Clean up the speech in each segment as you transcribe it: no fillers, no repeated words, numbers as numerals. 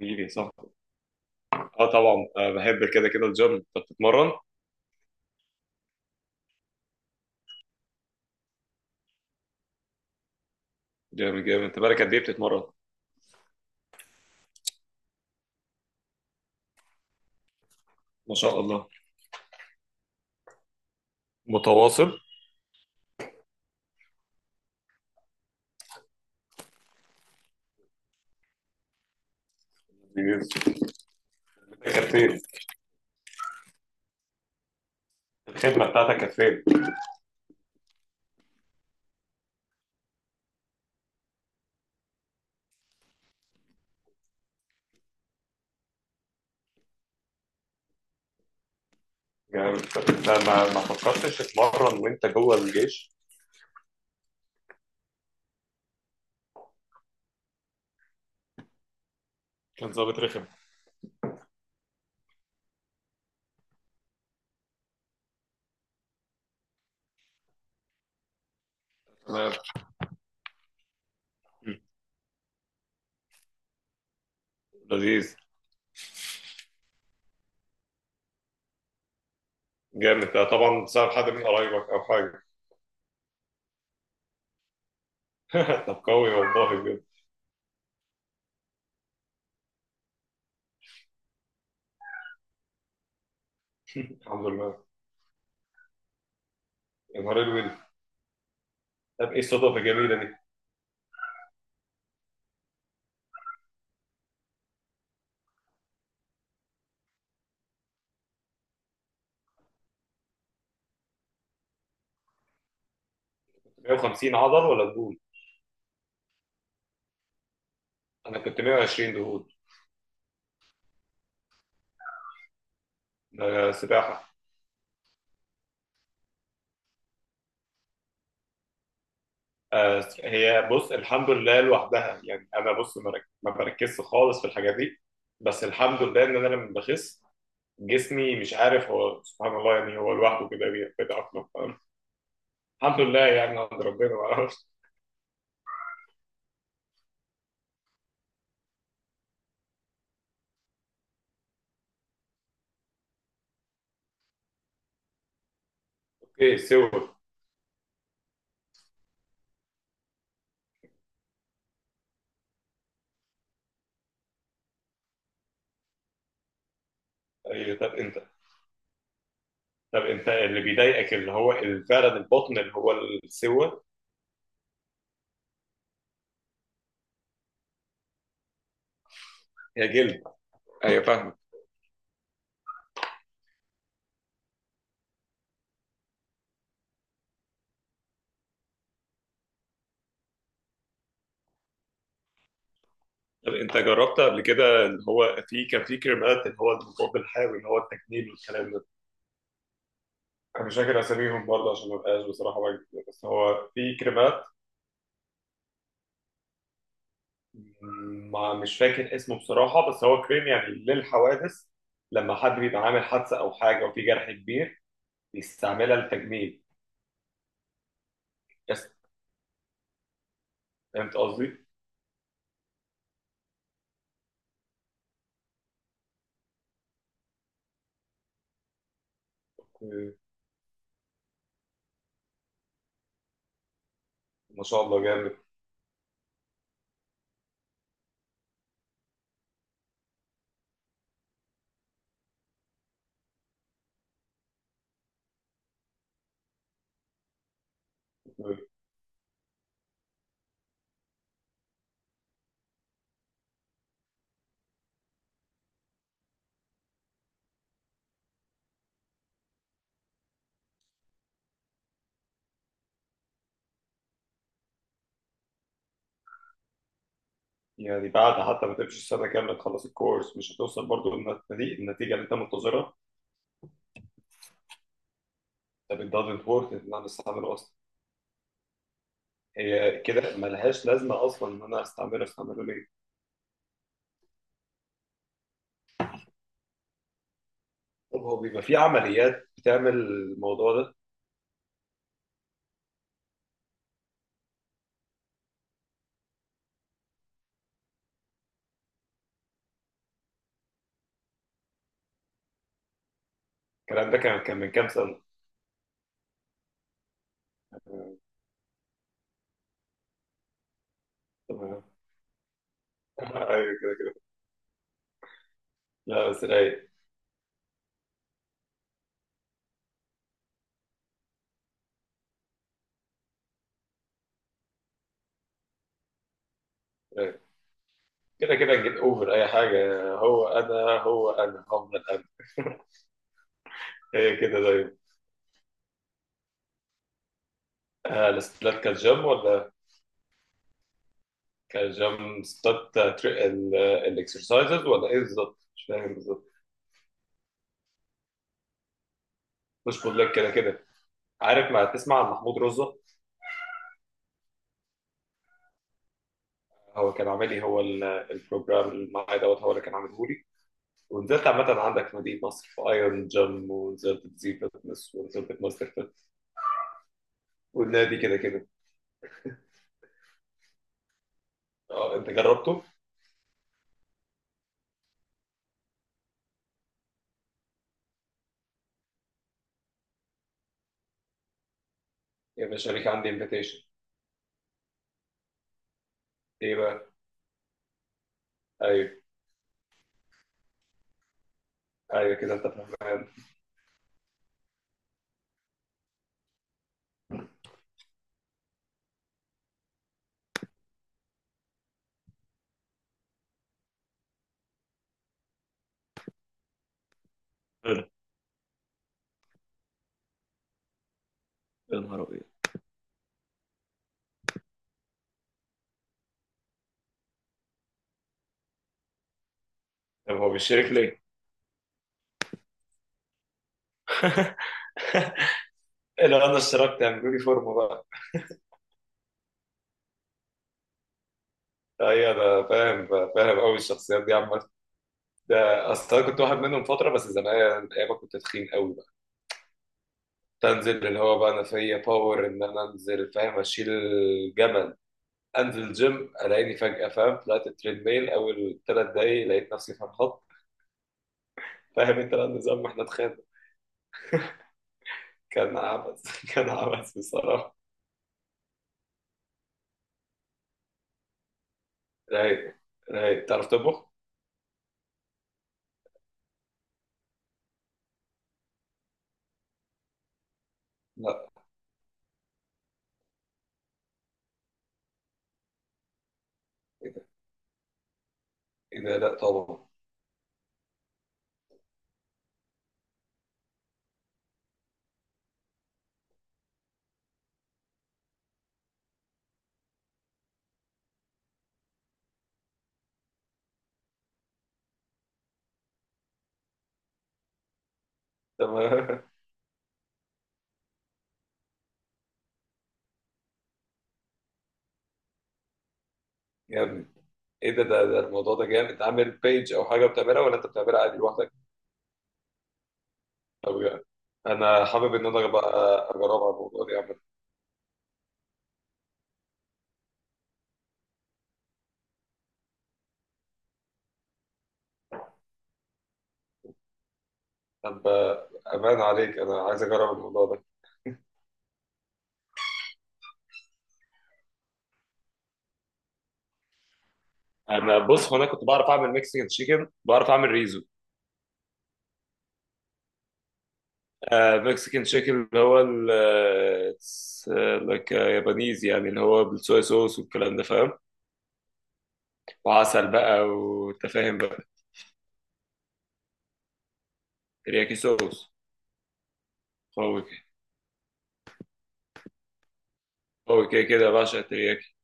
جيلي صح. اه طبعا، بحب كده كده الجيم. انت بتتمرن؟ جامد جامد. انت بقالك قد ايه بتتمرن؟ ما شاء الله، متواصل. جميل. كانت فين الخدمه بتاعتك كانت فين؟ جامد. طب انت ما فكرتش تتمرن وانت جوه الجيش؟ كان ظابط رخم؟ تمام. مم. لذيذ. جامد. ده طبعا بسبب حد من قرايبك او حاجه؟ طب قوي، والله بجد. الحمد لله. يا نهار الويل. طب ايه الصدف الجميله دي؟ 150 عضل ولا دهون؟ انا كنت 120 دهون. ده سباحه. هي بص، الحمد لله لوحدها، يعني انا بص ما بركزش خالص في الحاجات دي. بس الحمد لله ان انا لما بخس جسمي مش عارف، هو سبحان الله، يعني هو لوحده كده بيتأقلم. فاهم؟ الحمد لله، يعني عند ربنا، ما اعرفش. اوكي، سوى. أيوة، طب انت، اللي بيضايقك اللي هو فعلا البطن اللي هو السوى. هي جلد. ايوه، فاهمك. طب انت جربت قبل كده اللي هو في كان في كريمات، اللي هو المضاد الحيوي، اللي هو التجميل والكلام ده؟ انا مش فاكر اساميهم برضه، عشان ما بقاش بصراحه بكذب، بس هو في كريمات. ما مش فاكر اسمه بصراحه، بس هو كريم يعني للحوادث. لما حد بيبقى عامل حادثه او حاجه وفي جرح كبير، بيستعملها للتجميل بس. فهمت قصدي؟ أوكي. ما شاء الله جامد. أوكي. يعني بعد حتى ما تمشي السنه كامله، تخلص الكورس، مش هتوصل برضه للنتيجه، النتيجه اللي انت منتظرها. طب it doesn't work ان انا استعمله اصلا. هي كده ملهاش لازمه اصلا ان انا استعمله ليه؟ طب هو بيبقى في عمليات بتعمل الموضوع ده؟ الكلام ده كان من كام سنة؟ تمام. ايوه كده كده. لا بس رايق. رايق. كده كده نجيت، اوفر اي حاجة، هو انا هفضل انا. هي كده دايما. الستات كانت جيم ولا كانت جيم ستات؟ الاكسرسايزز ولا ايه بالظبط؟ مش فاهم بالظبط. مش بقول لك كده كده. عارف ما تسمع عن محمود رزق؟ هو كان عامل لي، هو البروجرام اللي معايا دوت هو اللي كان عامله لي. ونزلت عامة عندك في مدينة نصر في ايرون جيم، ونزلت زي فتنس، ونزلت ماستر فيت، والنادي كده كده. اه، انت جربته؟ يا باشا، ليك عندي انفيتيشن. ايه بقى؟ ايوه. ايوه كده، انت فاهم. يا نهار ابيض. طب هو بيشترك ليه؟ إيه، لو انا اشتركت هيعملوا لي فورمه بقى؟ ايوه انا فاهم. فاهم قوي الشخصيات دي عامه. ده اصل انا كنت واحد منهم فتره بس زمان، ايام ما كنت تخين قوي بقى. تنزل اللي هو بقى، انا فيا باور ان انا انزل، فاهم، اشيل جبل، انزل الجيم. الاقيني فجاه، فاهم، طلعت التريد ميل اول ثلاث دقايق، لقيت نفسي في الخط. فاهم انت بقى النظام، واحنا اتخانق. كان عبث. كان عبث بصراحه. رايق. رايق، تعرف تطبخ؟ لا. ايه ده؟ إيه ده؟ لا طبعا. تمام. يا ابني، ايه ده الموضوع ده جامد. انت عامل بيج او حاجه بتعملها، ولا انت بتعملها عادي لوحدك؟ طب يعني، انا حابب ان انا بقى اجرب على الموضوع ده يا عم. طب، امان عليك، انا عايز اجرب الموضوع ده. انا بص، هو انا كنت بعرف اعمل ميكسيكان تشيكن، بعرف اعمل ريزو. مكسيكان شيك اللي هو ال لك يابانيز، يعني اللي هو بالصويا صوص والكلام ده، فاهم. وعسل بقى، وانت فاهم بقى. ترياكي صوص. قوي كده. قوي كده كده بعشق الترياكي.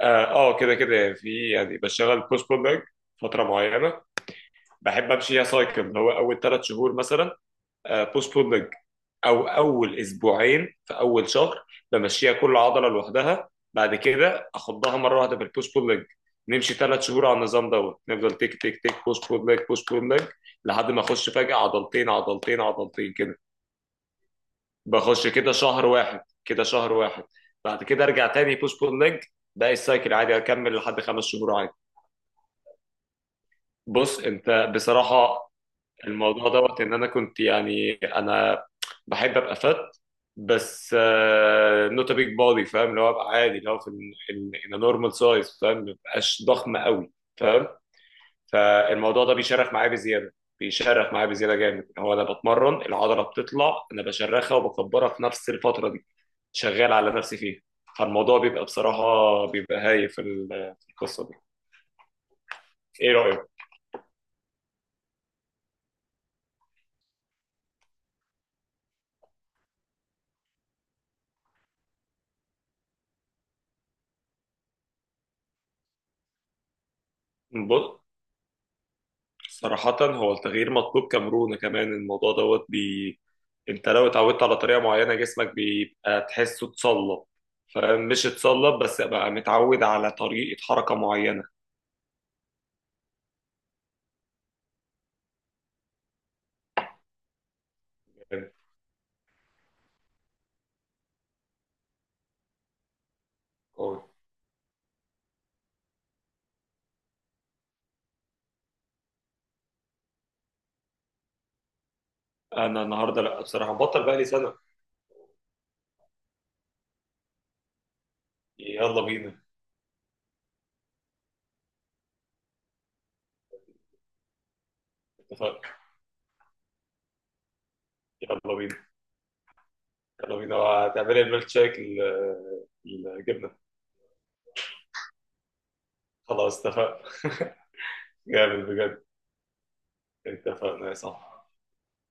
اه كده كده، يعني في، يعني بشتغل بوست بول ليج فترة معينة. بحب امشي فيها سايكل، اللي هو اول ثلاث شهور مثلا بوست بول ليج، او اول اسبوعين في اول شهر بمشيها كل عضله لوحدها، بعد كده اخضها مره واحده في البوش بول ليج. نمشي ثلاث شهور على النظام دوت، نفضل تيك تيك تيك، بوش بول ليج بوش بول ليج، لحد ما اخش فجاه عضلتين عضلتين عضلتين كده. بخش كده شهر واحد كده شهر واحد. بعد كده ارجع تاني بوش بول ليج، باقي السايكل عادي اكمل لحد خمس شهور عادي. بص، انت بصراحه الموضوع دوت، ان انا كنت يعني، انا بحب ابقى فت، بس نوت بيج بودي، فاهم، اللي هو ابقى عادي، اللي هو في ان نورمال سايز، فاهم، ما بقاش ضخم قوي، فاهم. فالموضوع ده بيشرخ معايا بزياده. بيشرخ معايا بزياده جامد. هو انا بتمرن، العضله بتطلع، انا بشرخها وبكبرها في نفس الفتره دي، شغال على نفسي فيها. فالموضوع بيبقى بصراحه، بيبقى هايف في في القصه دي. ايه رايك؟ بص، صراحة هو التغيير مطلوب، كمرونة كمان الموضوع دوت. انت لو اتعودت على طريقة معينة، جسمك بيبقى تحسه اتصلب. فمش اتصلب بس، بقى متعود على طريقة حركة معينة. قوي. انا النهاردة لا، بصراحة بطل بقى لي سنة. يلا بينا. اتفقنا. يلا بينا. يلا بينا هتعملي الميلك شيك الجبنة. خلاص اتفقنا. جامد بجد. اتفقنا يا صاحبي.